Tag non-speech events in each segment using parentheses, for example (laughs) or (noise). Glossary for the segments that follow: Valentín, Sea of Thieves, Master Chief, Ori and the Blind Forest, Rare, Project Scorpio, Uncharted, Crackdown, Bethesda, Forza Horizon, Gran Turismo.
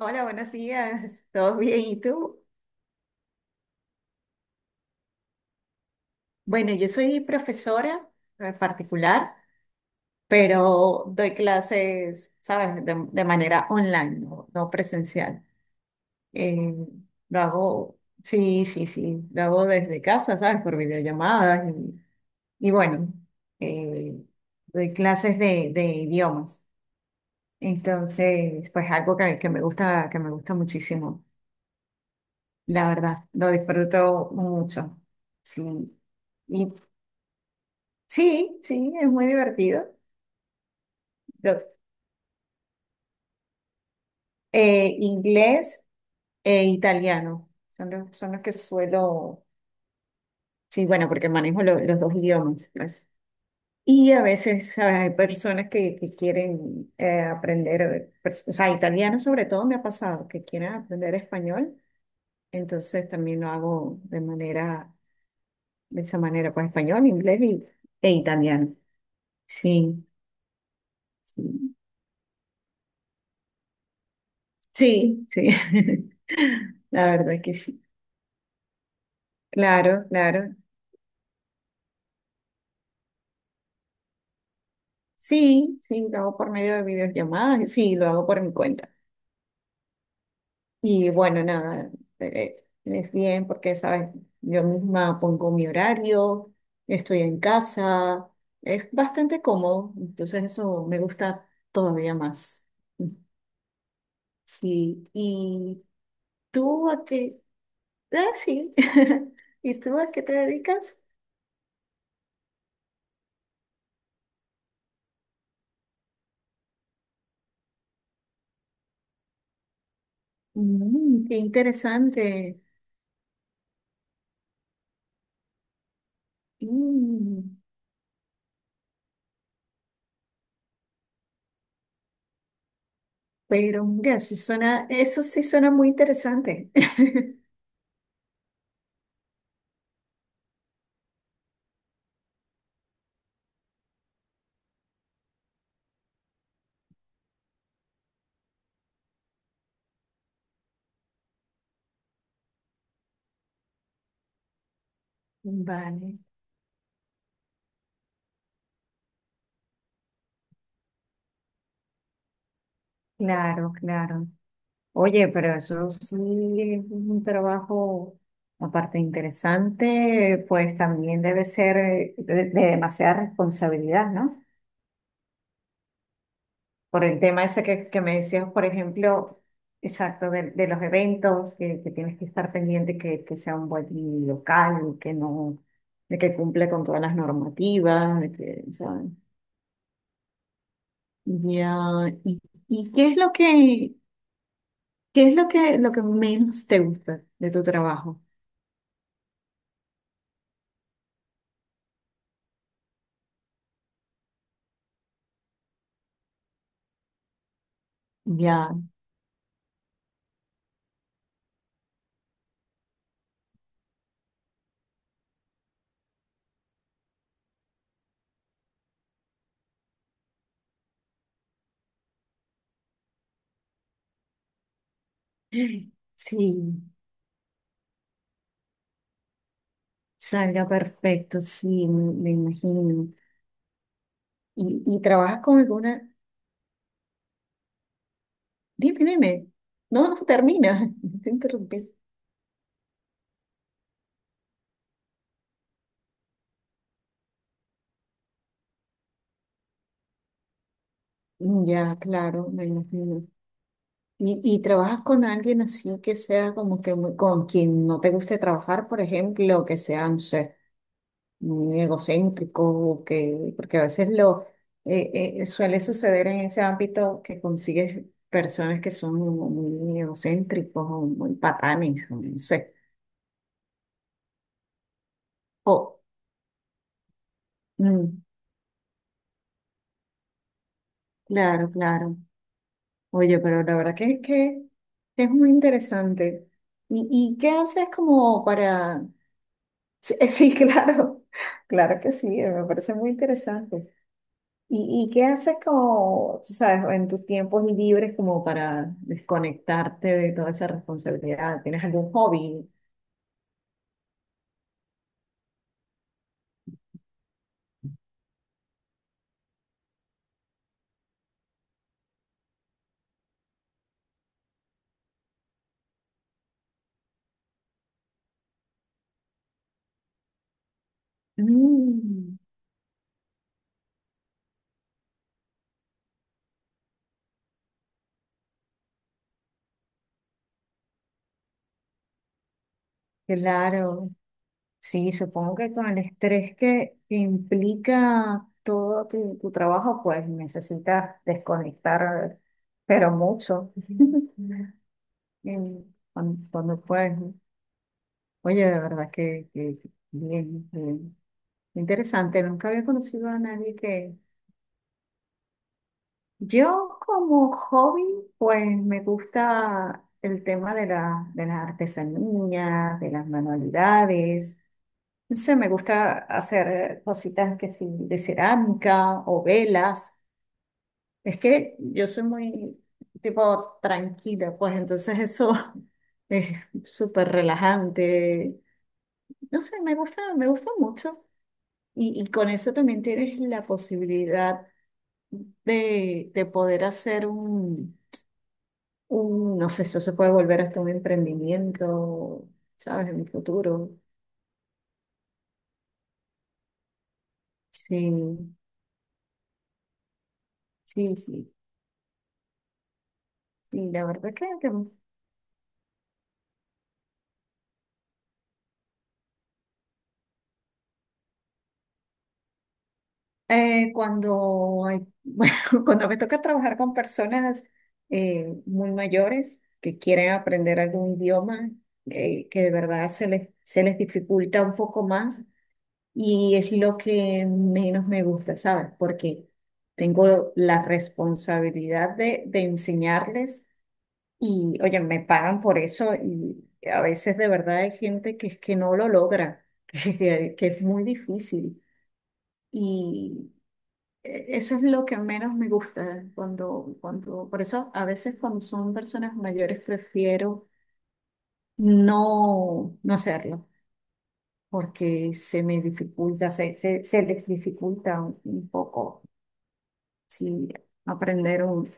Hola, buenos días. ¿Todo bien? ¿Y tú? Bueno, yo soy profesora particular, pero doy clases, ¿sabes? De manera online, no presencial. Eh, lo hago, sí, sí, sí, lo hago desde casa, ¿sabes? Por videollamadas. Y bueno, eh, doy clases de idiomas. Entonces, pues algo que me gusta, que me gusta muchísimo, la verdad, lo disfruto mucho. Sí. ¿Y Sí, sí, es muy divertido. Lo- inglés e italiano son los que suelo, sí, bueno, porque manejo los dos idiomas, pues. Y a veces, ¿sabes?, hay personas que quieren aprender, o sea, italiano sobre todo me ha pasado, que quieren aprender español, entonces también lo hago de manera, de esa manera, pues español, inglés y, e italiano. Sí, sí, sí, sí. (laughs) La verdad que sí. Claro, claro. Sí, sí, lo hago por medio de videollamadas, y sí, lo hago por mi cuenta. Y bueno, nada, eh, es bien porque, sabes, yo misma pongo mi horario, estoy en casa, es bastante cómodo, entonces eso me gusta todavía más. Sí, ¿y tú a qué? Ah, sí. (laughs) ¿Y tú a qué te dedicas? Mm, qué interesante. Mm. Pero mira, sí suena, eso sí suena muy interesante. (laughs) Vale, claro, claro. Oye, pero eso sí es un trabajo, aparte interesante, pues también debe ser de demasiada responsabilidad, ¿no? Por el tema ese que me decías, por ejemplo, exacto, de los eventos, que tienes que estar pendiente que sea un buen local, que no, de que cumple con todas las normativas, de que, ¿sabes? Ya, ¿Y, y qué es lo que, qué es lo que menos te gusta de tu trabajo? Ya, sí, salga perfecto, sí, me imagino. Y trabajas con alguna, dime, dime, no, no termina, (laughs) te interrumpí. Ya, claro, me imagino. Y trabajas con alguien así que sea como que muy- con quien no te guste trabajar, por ejemplo, que sea, no sé. Muy egocéntrico, que, porque a veces lo suele suceder en ese ámbito que consigues personas que son muy egocéntricos o muy patanes, o no sé. O, mm, claro, claro. Oye, pero la verdad que es muy interesante. ¿Y, y qué haces como para...? Sí, (laughs) sí, claro, claro que sí, me parece muy interesante. Y qué haces como, tú sabes, en tus tiempos libres como para desconectarte de toda esa responsabilidad? ¿Tienes algún hobby? Mm, claro, sí, supongo que con el estrés que implica todo tu, tu trabajo, pues necesitas desconectar, pero mucho. (laughs) En- Cuando, cuando puedes, ¿no? Oye, de verdad que bien, bien. Interesante, nunca había conocido a nadie que Yo como hobby, pues me gusta el tema de la, de las artesanías, de las manualidades. No sé, me gusta hacer cositas que sí, de cerámica o velas. Es que yo soy muy tipo tranquila, pues entonces eso (laughs) es súper relajante. No sé, me gusta mucho. Y con eso también tienes la posibilidad de poder hacer un Mm, no sé, eso se puede volver hasta un emprendimiento, ¿sabes? En mi futuro. Sí, sí, sí. Y la verdad que, cuando hay, (laughs) bueno, cuando me toca trabajar con personas muy mayores que quieren aprender algún idioma, que de verdad se les dificulta un poco más y es lo que menos me gusta, ¿sabes? Porque tengo la responsabilidad de enseñarles. Y oye, me pagan por eso y a veces de verdad hay gente que es que no lo logra, (laughs) que es muy difícil. Y eso es lo que menos me gusta cuando, cuando, por eso a veces cuando son personas mayores prefiero no, no hacerlo, porque se me dificulta, se les dificulta un poco sí, aprender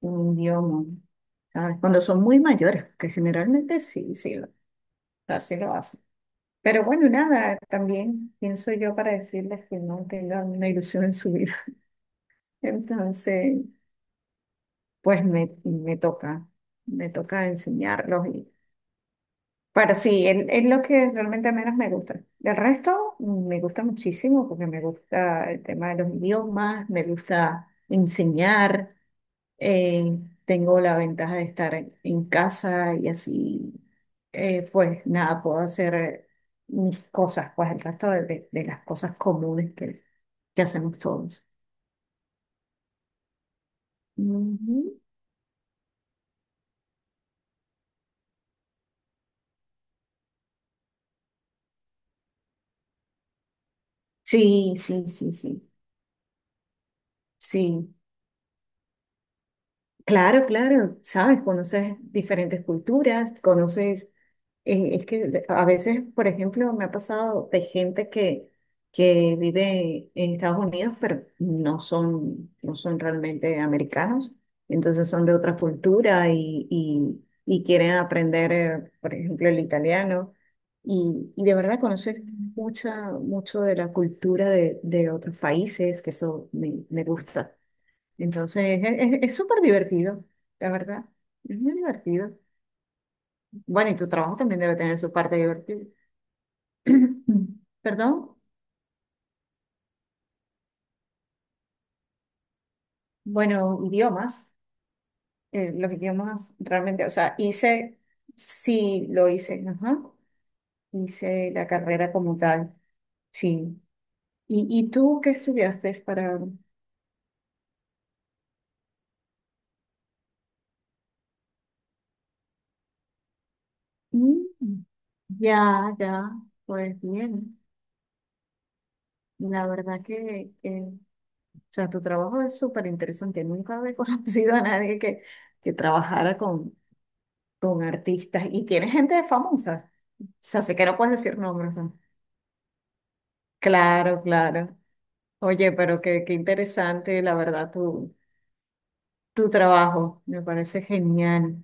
un idioma, ¿sabes? Cuando son muy mayores, que generalmente sí, sí, sí lo hacen. Pero bueno, nada, también pienso yo para decirles que no tengan una ilusión en su vida. (laughs) Entonces, pues me, me toca enseñarlos. Y, pero sí, es lo que realmente menos me gusta. El resto mm, me gusta muchísimo porque me gusta el tema de los idiomas, me gusta enseñar. Eh, tengo la ventaja de estar en casa y así, pues nada, puedo hacer mis cosas, pues el resto de, de las cosas comunes que hacemos todos. Ujú. Sí, sí, sí, sí, sí. Claro, claro, sabes, conoces diferentes culturas, conoces, es que a veces, por ejemplo, me ha pasado de gente que vive en Estados Unidos, pero no son, no son realmente americanos, entonces son de otra cultura y quieren aprender, por ejemplo, el italiano, y de verdad conocer mucha, mucho de la cultura de otros países, que eso me, me gusta. Entonces, es súper divertido, la verdad. Es muy divertido. Bueno, y tu trabajo también debe tener su parte divertida. (clears throat) Perdón. Bueno, idiomas. Los idiomas realmente, o sea, hice, sí, lo hice, ajá. Hice la carrera como tal, sí. Y tú qué estudiaste para...? Mm, ya, ya, pues bien. La verdad que O sea, tu trabajo es súper interesante. Nunca había (laughs) conocido a nadie que, que trabajara con artistas. Y tiene gente famosa. O sea, sé que no puedes decir nombres, ¿no? Claro, claro. Oye, pero qué, qué interesante, la verdad, tu trabajo. Me parece genial.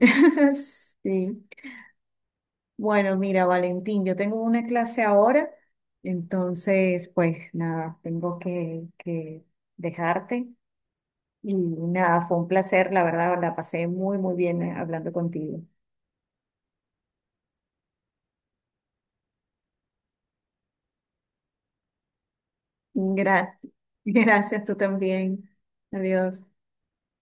(laughs) Sí. Bueno, mira, Valentín, yo tengo una clase ahora. Entonces, pues nada, tengo que dejarte. Y nada, fue un placer, la verdad, la pasé muy, muy bien hablando contigo. Gracias. (laughs) Gracias, tú también. Adiós.